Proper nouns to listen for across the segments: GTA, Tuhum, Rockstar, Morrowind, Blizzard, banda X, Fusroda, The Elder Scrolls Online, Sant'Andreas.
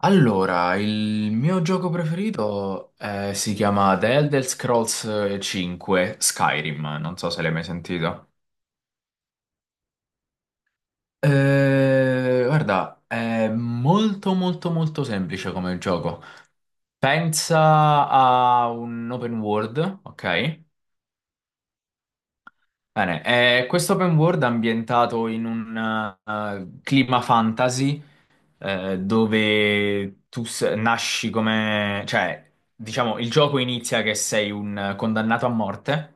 Allora, il mio gioco preferito si chiama The Elder Scrolls 5 Skyrim, non so se l'hai mai sentito. Guarda, è molto molto molto semplice come gioco. Pensa a un open world, ok? Bene, è questo open world è ambientato in un clima fantasy dove tu nasci come... Cioè, diciamo, il gioco inizia che sei un condannato a morte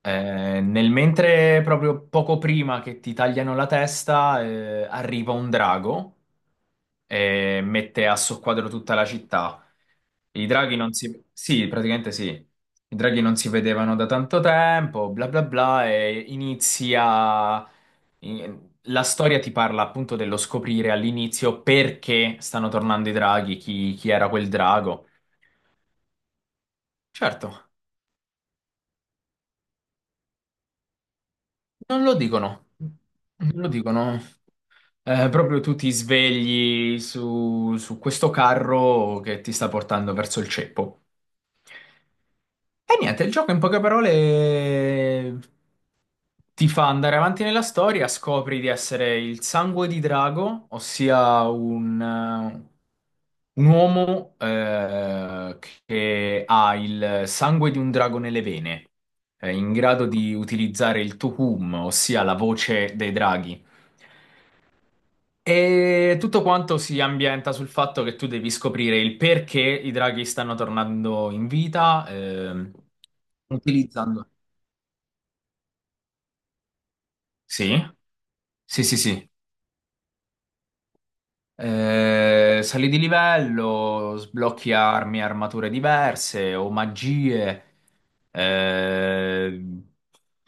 nel mentre, proprio poco prima che ti tagliano la testa, arriva un drago e mette a soqquadro tutta la città. I draghi non si... Sì, praticamente sì. I draghi non si vedevano da tanto tempo, bla bla bla, e inizia... La storia ti parla appunto dello scoprire all'inizio perché stanno tornando i draghi, chi era quel drago. Certo, non lo dicono. Non lo dicono. Proprio tu ti svegli su questo carro che ti sta portando verso il ceppo. E niente, il gioco in poche parole ti fa andare avanti nella storia, scopri di essere il sangue di drago, ossia un uomo che ha il sangue di un drago nelle vene, in grado di utilizzare il Tuhum, ossia la voce dei draghi. E tutto quanto si ambienta sul fatto che tu devi scoprire il perché i draghi stanno tornando in vita, utilizzando. Sì, sì, sì, sì. Sali di livello, sblocchi armi, e armature diverse o magie, eh,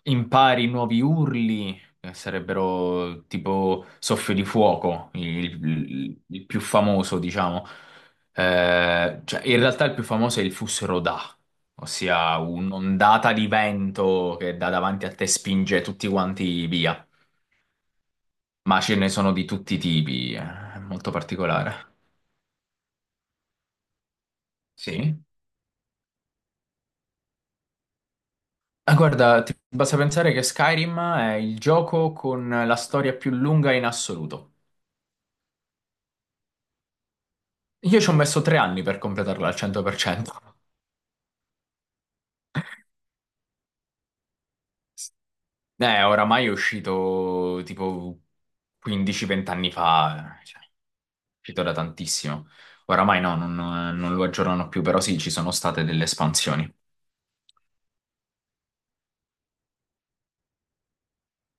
impari nuovi urli, che sarebbero tipo soffio di fuoco, il più famoso, diciamo. Cioè, in realtà il più famoso è il Fusroda, ossia un'ondata di vento che da davanti a te spinge tutti quanti via. Ma ce ne sono di tutti i tipi, è molto particolare. Sì. Ah, guarda, ti basta pensare che Skyrim è il gioco con la storia più lunga in assoluto. Io ci ho messo 3 anni per completarla al 100%. Oramai è uscito tipo 15-20 anni fa, cioè, è uscito da tantissimo. Oramai no, non lo aggiornano più, però sì, ci sono state delle espansioni.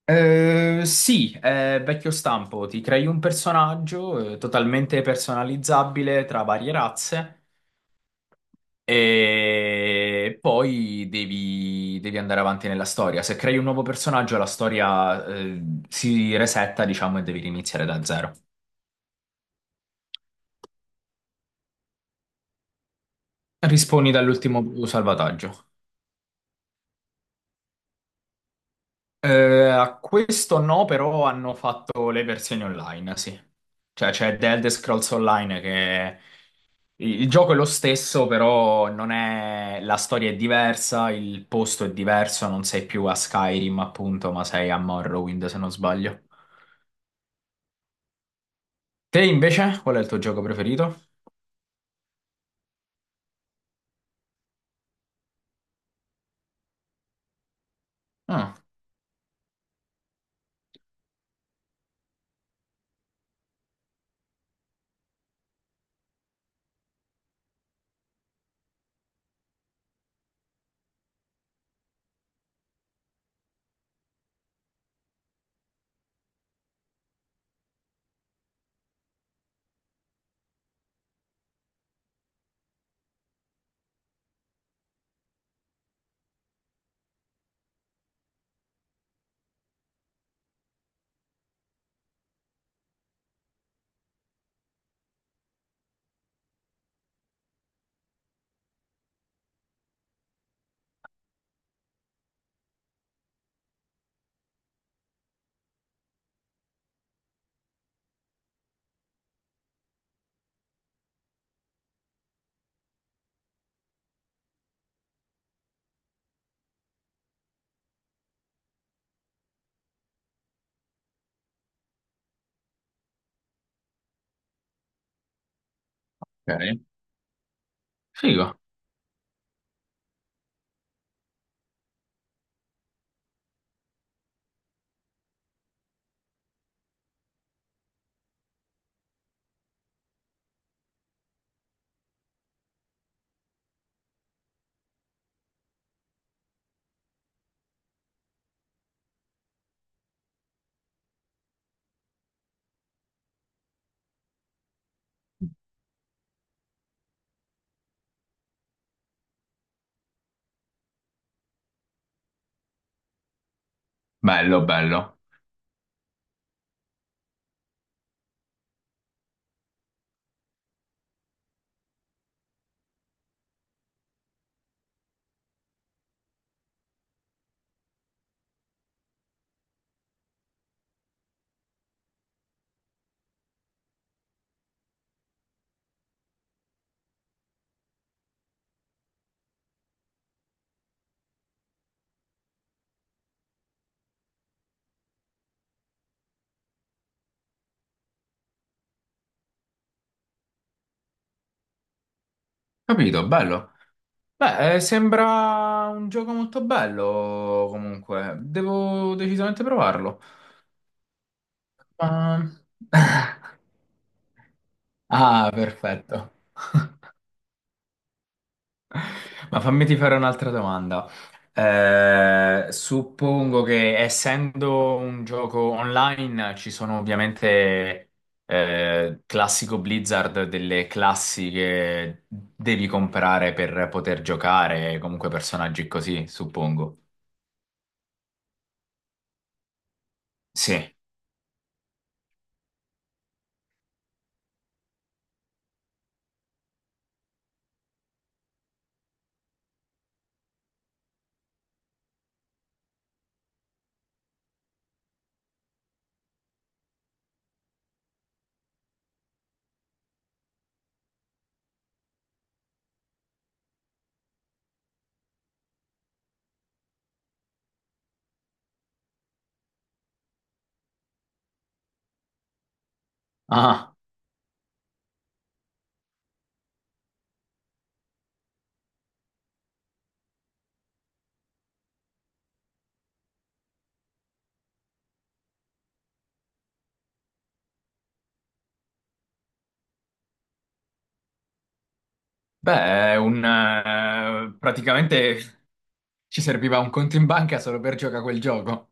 Sì, è vecchio stampo, ti crei un personaggio totalmente personalizzabile tra varie razze. E poi devi andare avanti nella storia. Se crei un nuovo personaggio, la storia, si resetta, diciamo, e devi riniziare da zero. Risponi dall'ultimo salvataggio. A questo no, però hanno fatto le versioni online, sì. Cioè c'è The Elder Scrolls Online che... Il gioco è lo stesso, però non è... La storia è diversa, il posto è diverso, non sei più a Skyrim, appunto, ma sei a Morrowind, se non sbaglio. Te invece, qual è il tuo gioco preferito? Ah, ok. Figo. Bello, bello. Capito, bello. Beh, sembra un gioco molto bello comunque. Devo decisamente provarlo. Ma- Ah, perfetto. Ma fammi ti fare un'altra domanda. Suppongo che essendo un gioco online ci sono ovviamente classico Blizzard delle classi che devi comprare per poter giocare, comunque personaggi così, suppongo. Sì. Ah, beh, è praticamente ci serviva un conto in banca solo per giocare a quel gioco.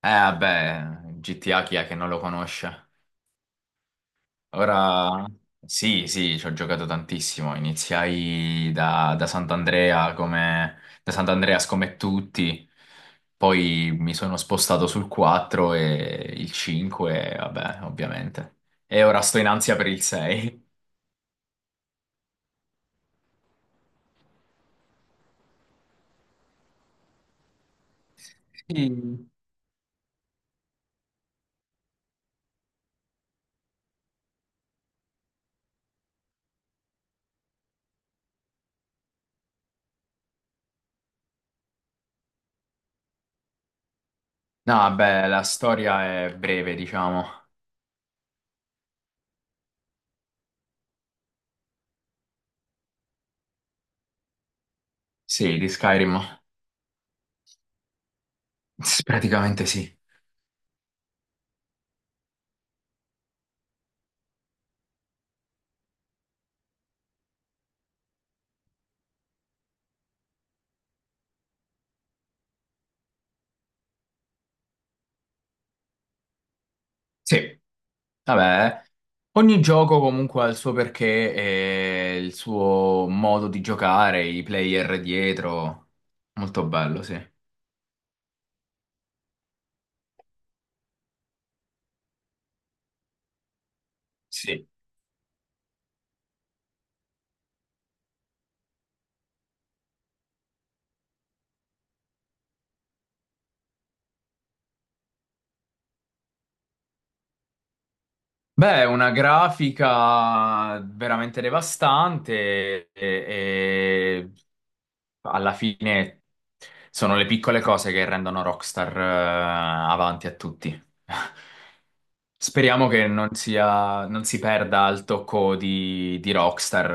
Vabbè, GTA chi è che non lo conosce? Ora sì, sì, ci ho giocato tantissimo. Iniziai da Sant'Andreas come tutti, poi mi sono spostato sul 4 e il 5, vabbè, ovviamente. E ora sto in ansia per il 6. Mm. No, vabbè, la storia è breve, diciamo. Sì, di Skyrim. Sì, praticamente sì. Sì. Vabbè, ogni gioco comunque ha il suo perché e il suo modo di giocare, i player dietro. Molto bello, sì. Sì. Beh, una grafica veramente devastante e alla fine sono le piccole cose che rendono Rockstar, avanti a tutti. Speriamo che non sia, non si perda il tocco di Rockstar,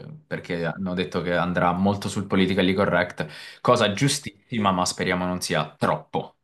perché hanno detto che andrà molto sul politically correct, cosa giustissima, ma speriamo non sia troppo.